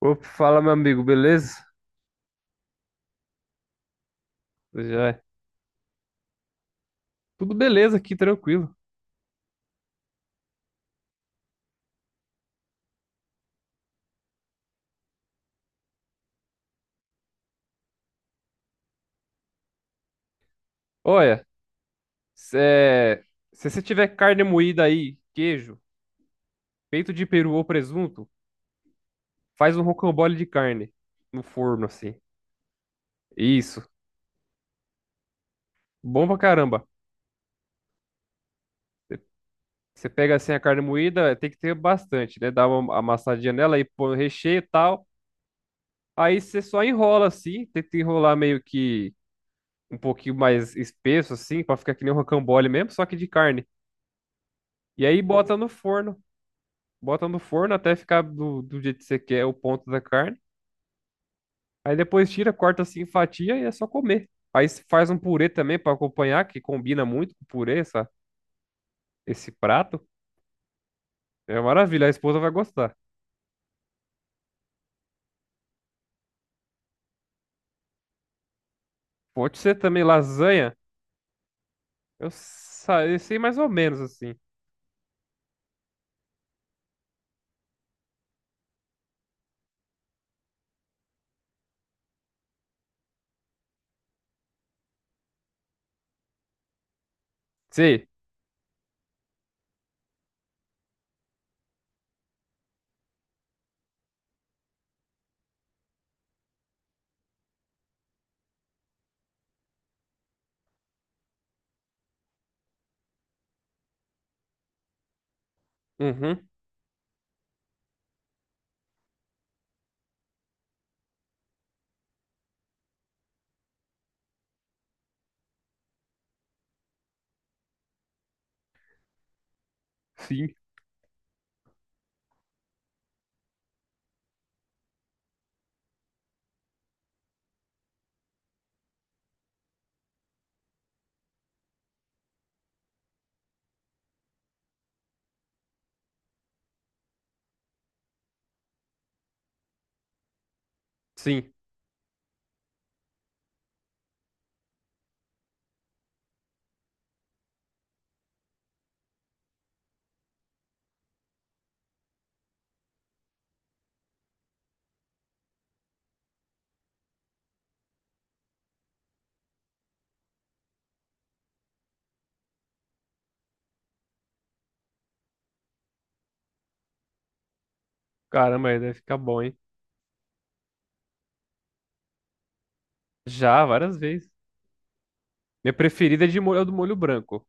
Opa, fala, meu amigo, beleza? Já é. Tudo beleza aqui, tranquilo. Olha, cê- se você tiver carne moída aí, queijo, peito de peru ou presunto, faz um rocambole de carne no forno, assim. Isso. Bom pra caramba. Você pega assim a carne moída, tem que ter bastante, né? Dá uma amassadinha nela e põe o recheio e tal. Aí você só enrola assim, tenta enrolar meio que um pouquinho mais espesso, assim, pra ficar que nem um rocambole mesmo, só que de carne. E aí bota no forno. Bota no forno até ficar do jeito que você quer o ponto da carne. Aí depois tira, corta assim em fatia e é só comer. Aí se faz um purê também pra acompanhar, que combina muito com o purê, esse prato. É uma maravilha, a esposa vai gostar. Pode ser também lasanha. Eu sei mais ou menos assim. Sei. Uhum. Sim. Sim. Caramba, aí deve ficar bom, hein? Já, várias vezes. Minha preferida é de molho, é do molho branco.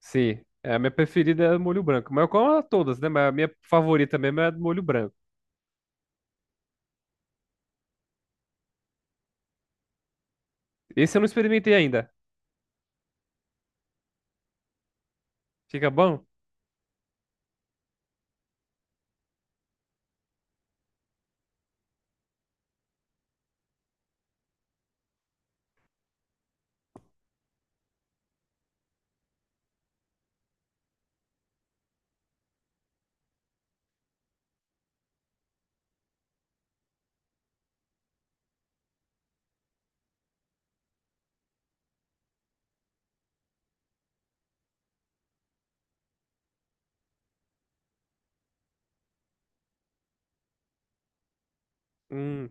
Sim. É, a minha preferida é do molho branco. Mas eu como todas, né? Mas a minha favorita mesmo é a do molho branco. Esse eu não experimentei ainda. Fica bom? Hum,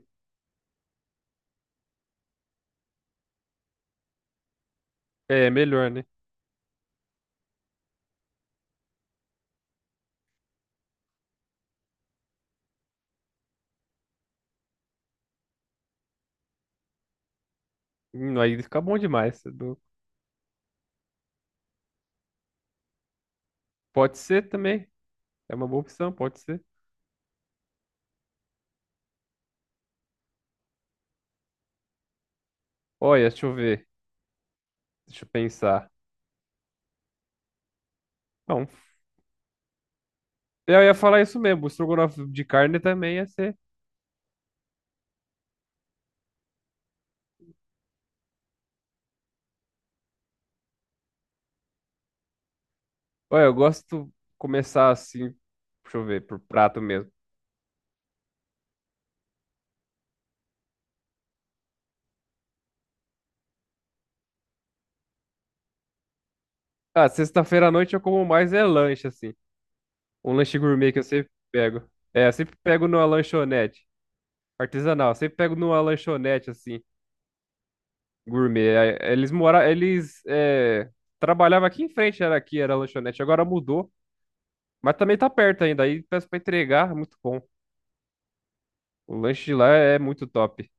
é melhor, né? Aí fica bom demais. Pode ser também. É uma boa opção, pode ser. Olha, deixa eu ver. Deixa eu pensar. Bom, eu ia falar isso mesmo. O estrogonofe de carne também ia ser. Olha, eu gosto de começar assim. Deixa eu ver, por prato mesmo. Ah, sexta-feira à noite eu como mais é lanche, assim. Um lanche gourmet que eu sempre pego. É, eu sempre pego numa lanchonete. Artesanal, eu sempre pego numa lanchonete, assim. Gourmet. Eles moravam, trabalhavam aqui em frente, era aqui, era a lanchonete, agora mudou. Mas também tá perto ainda, aí peço pra entregar, é muito bom. O lanche de lá é muito top.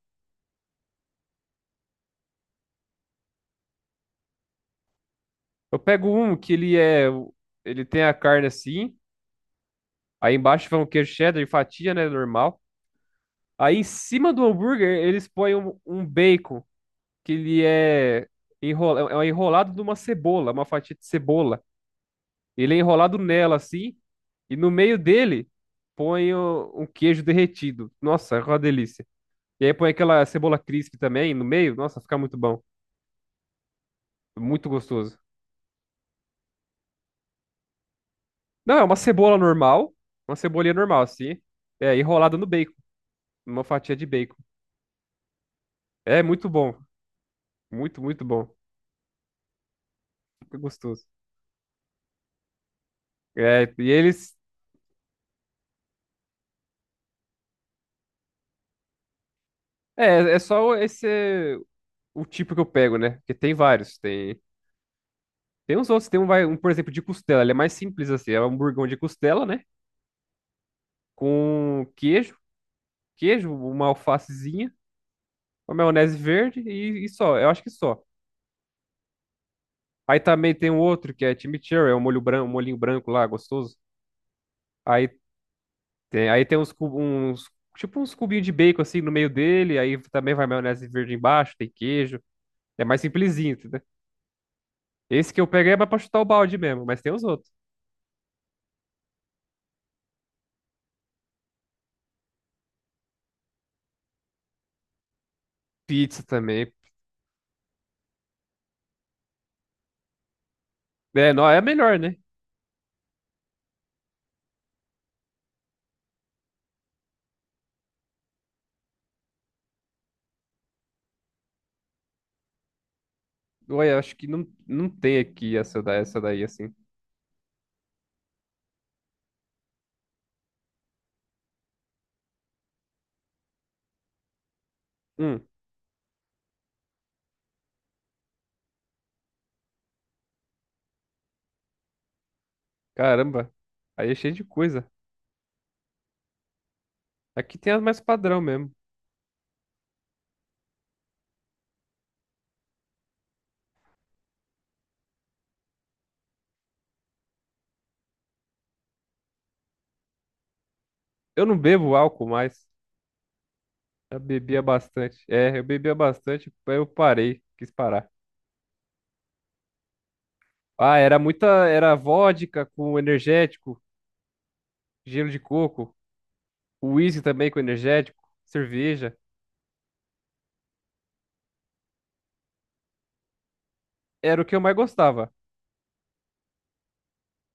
Eu pego um que ele tem a carne assim, aí embaixo vai um queijo cheddar e fatia, né, normal. Aí em cima do hambúrguer eles põem um bacon, que enrola, é um enrolado numa cebola, uma fatia de cebola. Ele é enrolado nela assim, e no meio dele um queijo derretido. Nossa, é uma delícia. E aí põe aquela cebola crisp também no meio. Nossa, fica muito bom. Muito gostoso. Não, é uma cebola normal, uma cebolinha normal assim. É, enrolada no bacon, numa fatia de bacon. É muito bom, muito, muito bom. Fica gostoso. É, e eles é, é só esse o tipo que eu pego, né? Porque tem vários, tem uns outros, um, por exemplo, de costela, ele é mais simples assim, é um hamburgão de costela, né? Com queijo, queijo, uma alfacezinha, uma maionese verde e só. Eu acho que só. Aí também tem um outro que é chimichurri, é um molho branco, um molhinho branco lá, gostoso. Aí aí tem uns tipo uns cubinhos de bacon assim no meio dele, aí também vai maionese verde embaixo, tem queijo. É mais simplesinho, entendeu? Esse que eu peguei é mais pra chutar o balde mesmo, mas tem os outros. Pizza também. É, não, é melhor, né? Ué, eu acho que não, não tem aqui essa daí assim. Hum, caramba. Aí é cheio de coisa. Aqui tem as mais padrão mesmo. Eu não bebo álcool mais. Eu bebia bastante. É, eu bebia bastante, aí eu parei, quis parar. Ah, era vodka com energético, gelo de coco, uísque também com energético, cerveja. Era o que eu mais gostava.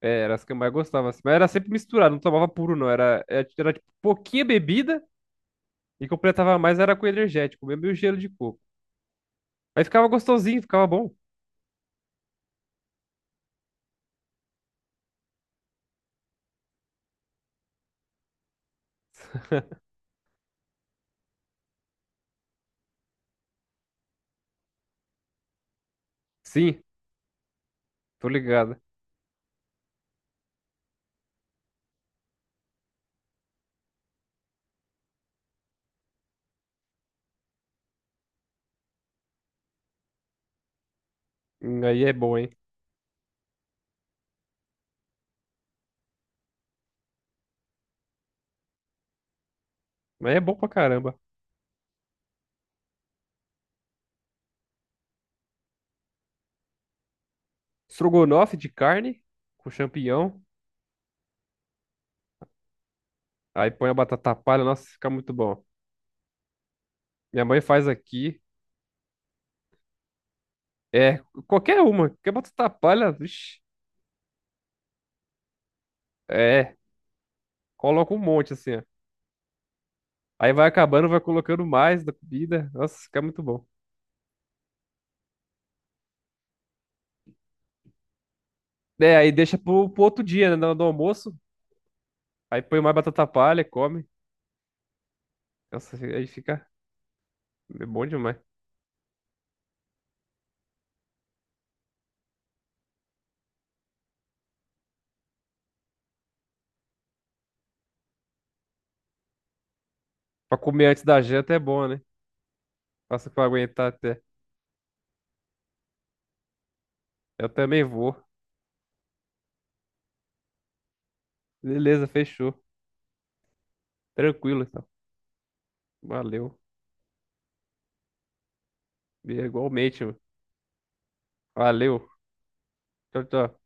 É, era as que eu mais gostava, assim. Mas era sempre misturado, não tomava puro, não. Era tipo, pouquinha bebida e completava mais era com energético, mesmo e o gelo de coco. Aí ficava gostosinho, ficava bom. Sim, tô ligado. Aí é bom, hein? Mas é bom pra caramba. Estrogonofe de carne com champignon. Aí põe a batata palha. Nossa, fica muito bom. Minha mãe faz aqui. É, qualquer uma. Qualquer batata palha. Vixi, é, coloca um monte assim, ó. Aí vai acabando, vai colocando mais da comida. Nossa, fica muito bom. É, aí deixa pro outro dia, né? No almoço. Aí põe mais batata palha, come. Nossa, aí fica é bom demais. Pra comer antes da janta é bom, né? Passa pra aguentar até. Eu também vou. Beleza, fechou. Tranquilo, então. Valeu. Igualmente, mano. Valeu. Tchau, tchau.